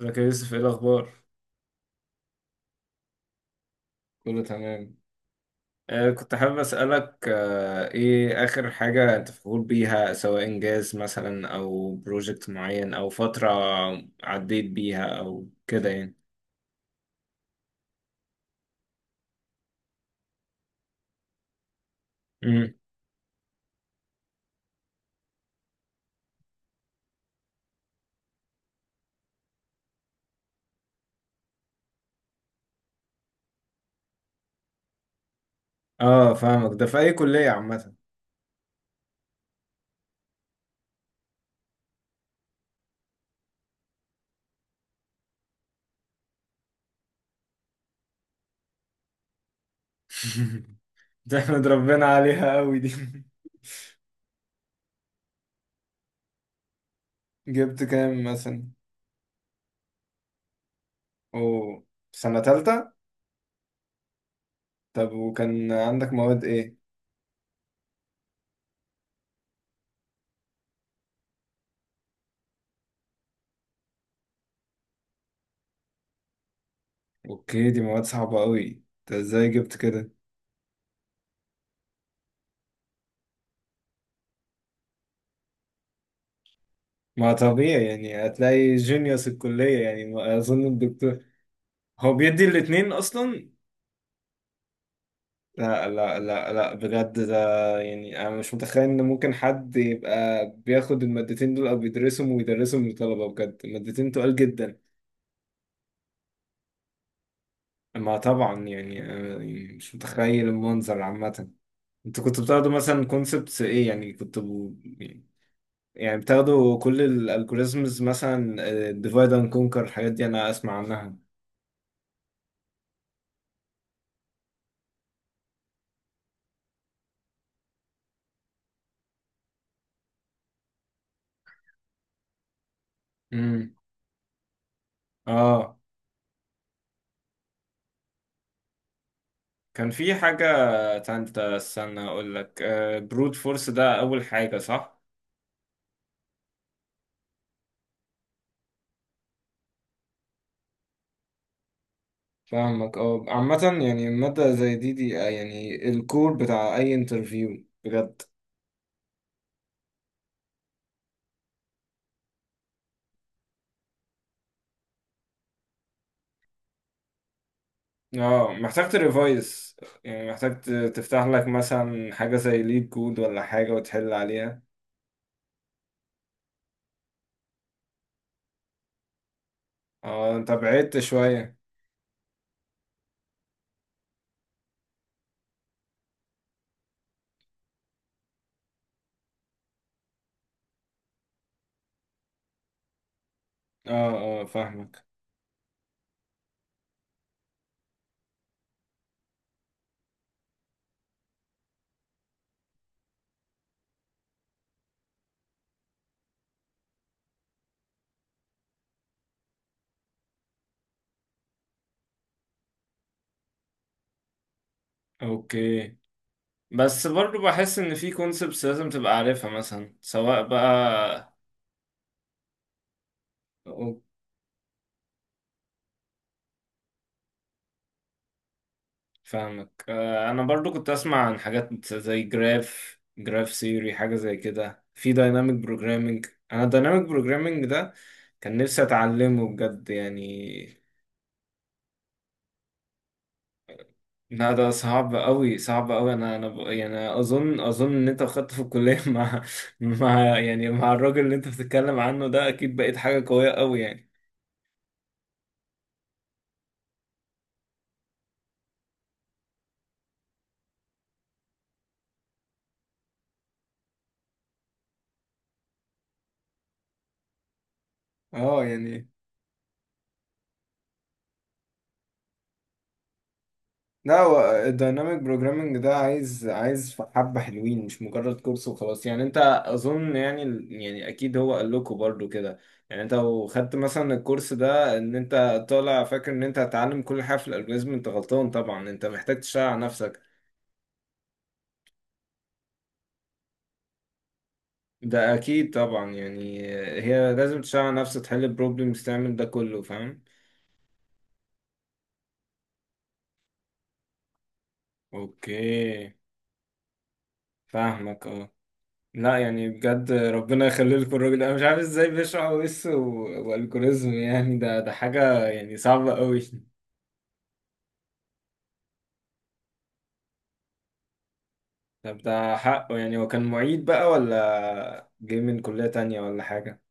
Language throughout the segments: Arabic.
ازيك يا يوسف، ايه الاخبار؟ كله تمام. كنت حابب اسالك ايه اخر حاجه انت فخور بيها، سواء انجاز مثلا او بروجكت معين او فتره عديت بيها او كده يعني. امم اه فاهمك. ده في اي كليه؟ عامه. تحمد ربنا عليها قوي دي. جبت كام مثلا؟ او سنه تالتة؟ طب وكان عندك مواد ايه؟ اوكي، دي مواد صعبه قوي، انت ازاي جبت كده؟ ما طبيعي يعني، هتلاقي جينيوس الكلية، يعني ما أظن الدكتور هو بيدي الاتنين أصلا. لا بجد ده. يعني أنا مش متخيل إن ممكن حد يبقى بياخد المادتين دول أو بيدرسهم ويدرسهم للطلبة، بجد المادتين تقال جدا. ما طبعا يعني، أنا يعني مش متخيل المنظر عامة. أنتوا كنتوا بتاخدوا مثلا كونسبتس إيه، يعني كنتوا ب- يعني بتاخدوا كل الالجوريزمز مثلا ديفايد اند كونكر، الحاجات دي أنا أسمع عنها. امم اه كان في حاجة تالتة، استنى أقول لك، برود فورس ده أول حاجة صح؟ فاهمك اه. عامة يعني مادة زي دي يعني الكور بتاع أي انترفيو بجد. اه محتاج تريفايز، يعني محتاج تفتح لك مثلا حاجة زي ليد كود ولا حاجة وتحل عليها. اه انت بعدت شوية. اه فاهمك. اوكي، بس برضو بحس ان في كونسبتس لازم تبقى عارفها، مثلا سواء بقى. فاهمك انا برضو كنت اسمع عن حاجات زي جراف، جراف سيوري، حاجه زي كده، في دايناميك بروجرامينج. انا الدايناميك بروجرامينج ده كان نفسي اتعلمه بجد يعني. لا ده صعب قوي صعب قوي، انا يعني اظن ان انت خدت في الكليه مع مع يعني مع الراجل اللي انت بتتكلم عنه ده، اكيد بقيت حاجه قويه قوي يعني. اه يعني لا، هو الدايناميك بروجرامنج ده عايز حبة حلوين، مش مجرد كورس وخلاص يعني، انت اظن يعني، يعني اكيد هو قال لكم برضو كده. يعني انت لو خدت مثلا الكورس ده، ان انت طالع فاكر ان انت هتتعلم كل حاجة في الالجوريزم، انت غلطان طبعا، انت محتاج تشتغل على نفسك. ده اكيد طبعا يعني، هي لازم تشتغل على نفسك، تحل بروبلمز، تعمل ده كله، فاهم؟ اوكي. فاهمك اه. لا يعني بجد ربنا يخلي لكم الراجل ده. انا مش عارف ازاي بيشرح او اس والجوريزم يعني، ده حاجه يعني صعبه قوي. طب ده حقه، يعني هو كان معيد بقى ولا جاي من كليه تانية ولا حاجه؟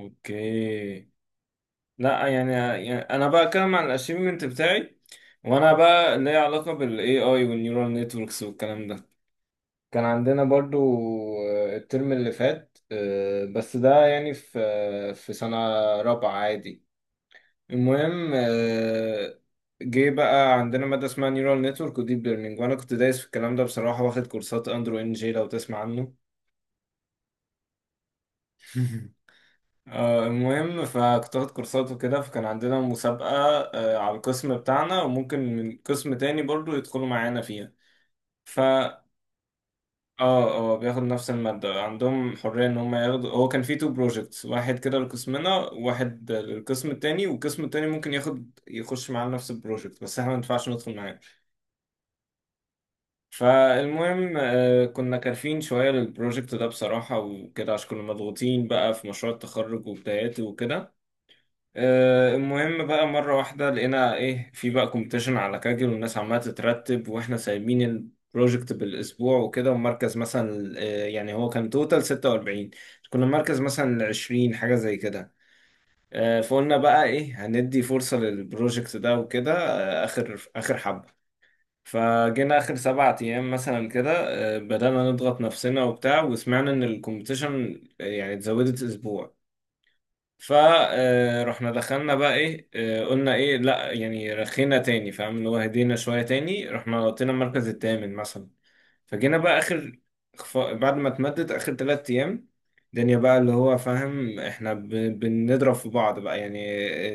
اوكي. لا يعني، يعني انا بقى اتكلم عن الاشيفمنت بتاعي، وانا بقى ليا علاقه بالاي اي والنيورال نتوركس والكلام ده. كان عندنا برضو الترم اللي فات، بس ده يعني في في سنه رابعه عادي. المهم جه بقى عندنا مادة اسمها نيورال نتورك وديب ليرنينج، وانا كنت دايس في الكلام ده بصراحة، واخد كورسات اندرو ان جي، لو تسمع عنه. المهم فكنت واخد كورسات وكده، فكان عندنا مسابقة على القسم بتاعنا، وممكن من قسم تاني برضو يدخلوا معانا فيها. ف اه بياخد نفس المادة، عندهم حرية ان هم ياخدوا، هو كان في تو بروجكتس، واحد كده لقسمنا واحد للقسم التاني، والقسم التاني ممكن ياخد يخش معانا نفس البروجكت بس احنا ما ينفعش ندخل معاه. فالمهم كنا كارفين شوية للبروجكت ده بصراحة وكده، عشان كنا مضغوطين بقى في مشروع التخرج وبداياته وكده. المهم بقى مرة واحدة لقينا ايه في بقى كومبيتيشن على كاجل، والناس عمالة تترتب واحنا سايبين البروجكت بالأسبوع وكده، ومركز مثلا يعني هو كان توتال 46، كنا مركز مثلا 20 حاجة زي كده. فقلنا بقى ايه هندي فرصة للبروجكت ده وكده، آخر حبة. فجينا آخر 7 أيام مثلا كده، بدأنا نضغط نفسنا وبتاع، وسمعنا إن الكومبيتيشن يعني اتزودت أسبوع، فرحنا دخلنا بقى إيه قلنا إيه لأ، يعني رخينا تاني فاهم، اللي هو هدينا شوية تاني، رحنا نطينا المركز التامن مثلا. فجينا بقى آخر بعد ما اتمدد آخر 3 أيام، الدنيا بقى اللي هو فاهم، احنا بنضرب في بعض بقى يعني،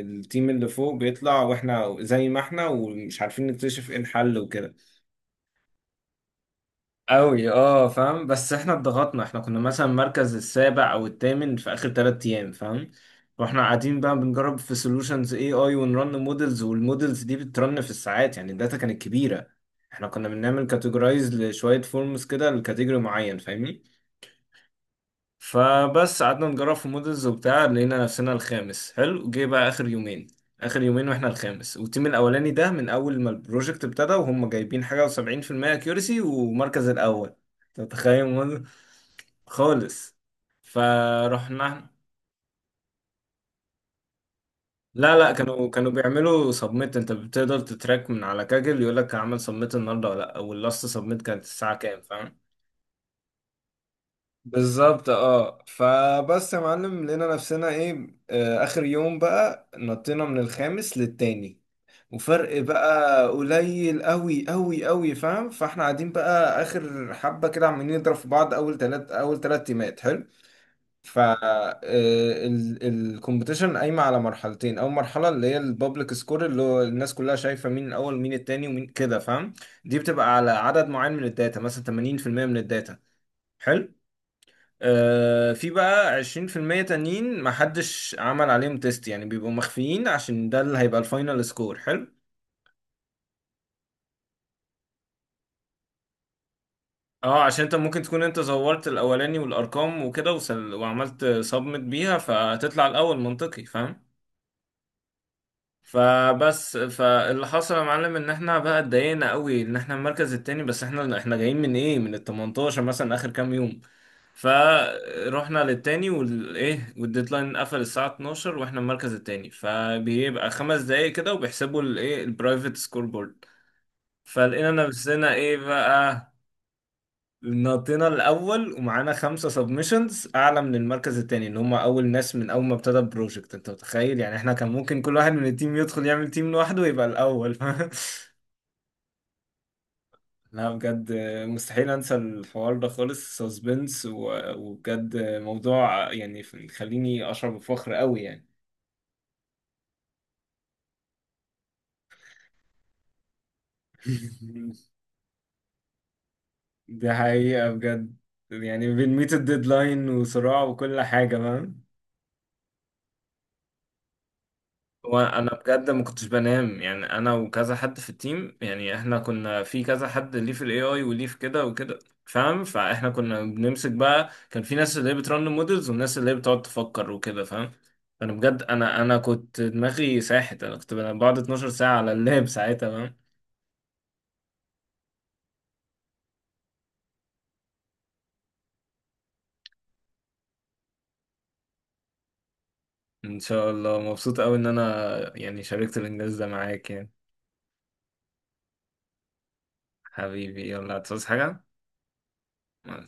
التيم اللي فوق بيطلع واحنا زي ما احنا، ومش عارفين نكتشف ايه الحل وكده. قوي اه فاهم، بس احنا اتضغطنا، احنا كنا مثلا مركز السابع او الثامن في اخر 3 ايام فاهم. واحنا قاعدين بقى بنجرب في سولوشنز اي اي، ونرن مودلز، والمودلز دي بترن في الساعات يعني، الداتا كانت كبيره. احنا كنا بنعمل كاتيجورايز لشويه فورمز كده لكاتيجوري معين فاهمني. فبس قعدنا نجرب في مودلز وبتاع، لقينا نفسنا الخامس، حلو. جه بقى اخر يومين، اخر يومين واحنا الخامس، والتيم الاولاني ده من اول ما البروجكت ابتدى وهم جايبين حاجه و70% اكيورسي ومركز الاول. انت متخيل موديل؟ خالص. فرحنا. لا كانوا بيعملوا سبميت، انت بتقدر تتراك من على كاجل، يقول لك عمل سبميت النهارده ولا لا، واللاست سبميت كانت الساعه كام فاهم. بالظبط اه. فبس يا معلم، لقينا نفسنا ايه آه اخر يوم بقى نطينا من الخامس للتاني، وفرق بقى قليل قوي قوي قوي فاهم، فاحنا قاعدين بقى اخر حبة كده، عمالين نضرب في بعض، اول تلات اول تلات تيمات حلو. ف الكومبيتيشن قايمة على مرحلتين، اول مرحلة اللي هي البابليك سكور، اللي هو الناس كلها شايفة مين الاول مين التاني ومين كده فاهم، دي بتبقى على عدد معين من الداتا، مثلا 80% من الداتا حلو. في بقى 20% تانيين محدش عمل عليهم تيست يعني، بيبقوا مخفيين، عشان ده اللي هيبقى الفاينل سكور حلو. اه عشان انت ممكن تكون انت زورت الاولاني والارقام وكده وعملت سبمت بيها، فهتطلع الاول، منطقي فاهم. فبس، فاللي حصل يا معلم ان احنا بقى اتضايقنا قوي ان احنا المركز التاني، بس احنا جايين من ايه من ال 18 مثلا اخر كام يوم. فروحنا للتاني والايه، والديدلاين قفل الساعة 12 واحنا المركز التاني، فبيبقى خمس دقايق كده وبيحسبوا الايه البرايفت سكور بورد. فلقينا نفسنا ايه بقى، نطينا الاول ومعانا 5 سبمشنز اعلى من المركز التاني، ان هم اول ناس من اول ما ابتدى البروجكت. انت متخيل يعني احنا كان ممكن كل واحد من التيم يدخل يعمل تيم لوحده ويبقى الاول. لا بجد، مستحيل انسى الحوار ده خالص، سسبنس وبجد موضوع يعني يخليني اشعر بفخر قوي يعني. دي حقيقة بجد. يعني بنميت الديدلاين وصراع وكل حاجة. وانا بجد ما كنتش بنام يعني، انا وكذا حد في التيم، يعني احنا كنا في كذا حد ليه في الاي اي، وليه في كده وكده فاهم. فاحنا كنا بنمسك بقى، كان في ناس اللي هي بترن مودلز، والناس اللي هي بتقعد تفكر وكده فاهم. فانا بجد انا كنت دماغي ساحت، انا كنت بنام بقعد 12 ساعة على اللاب ساعتها فاهم. ان شاء الله. مبسوط قوي ان انا يعني شاركت الانجاز ده معاك يعني. حبيبي يلا هتصحى. حاجة.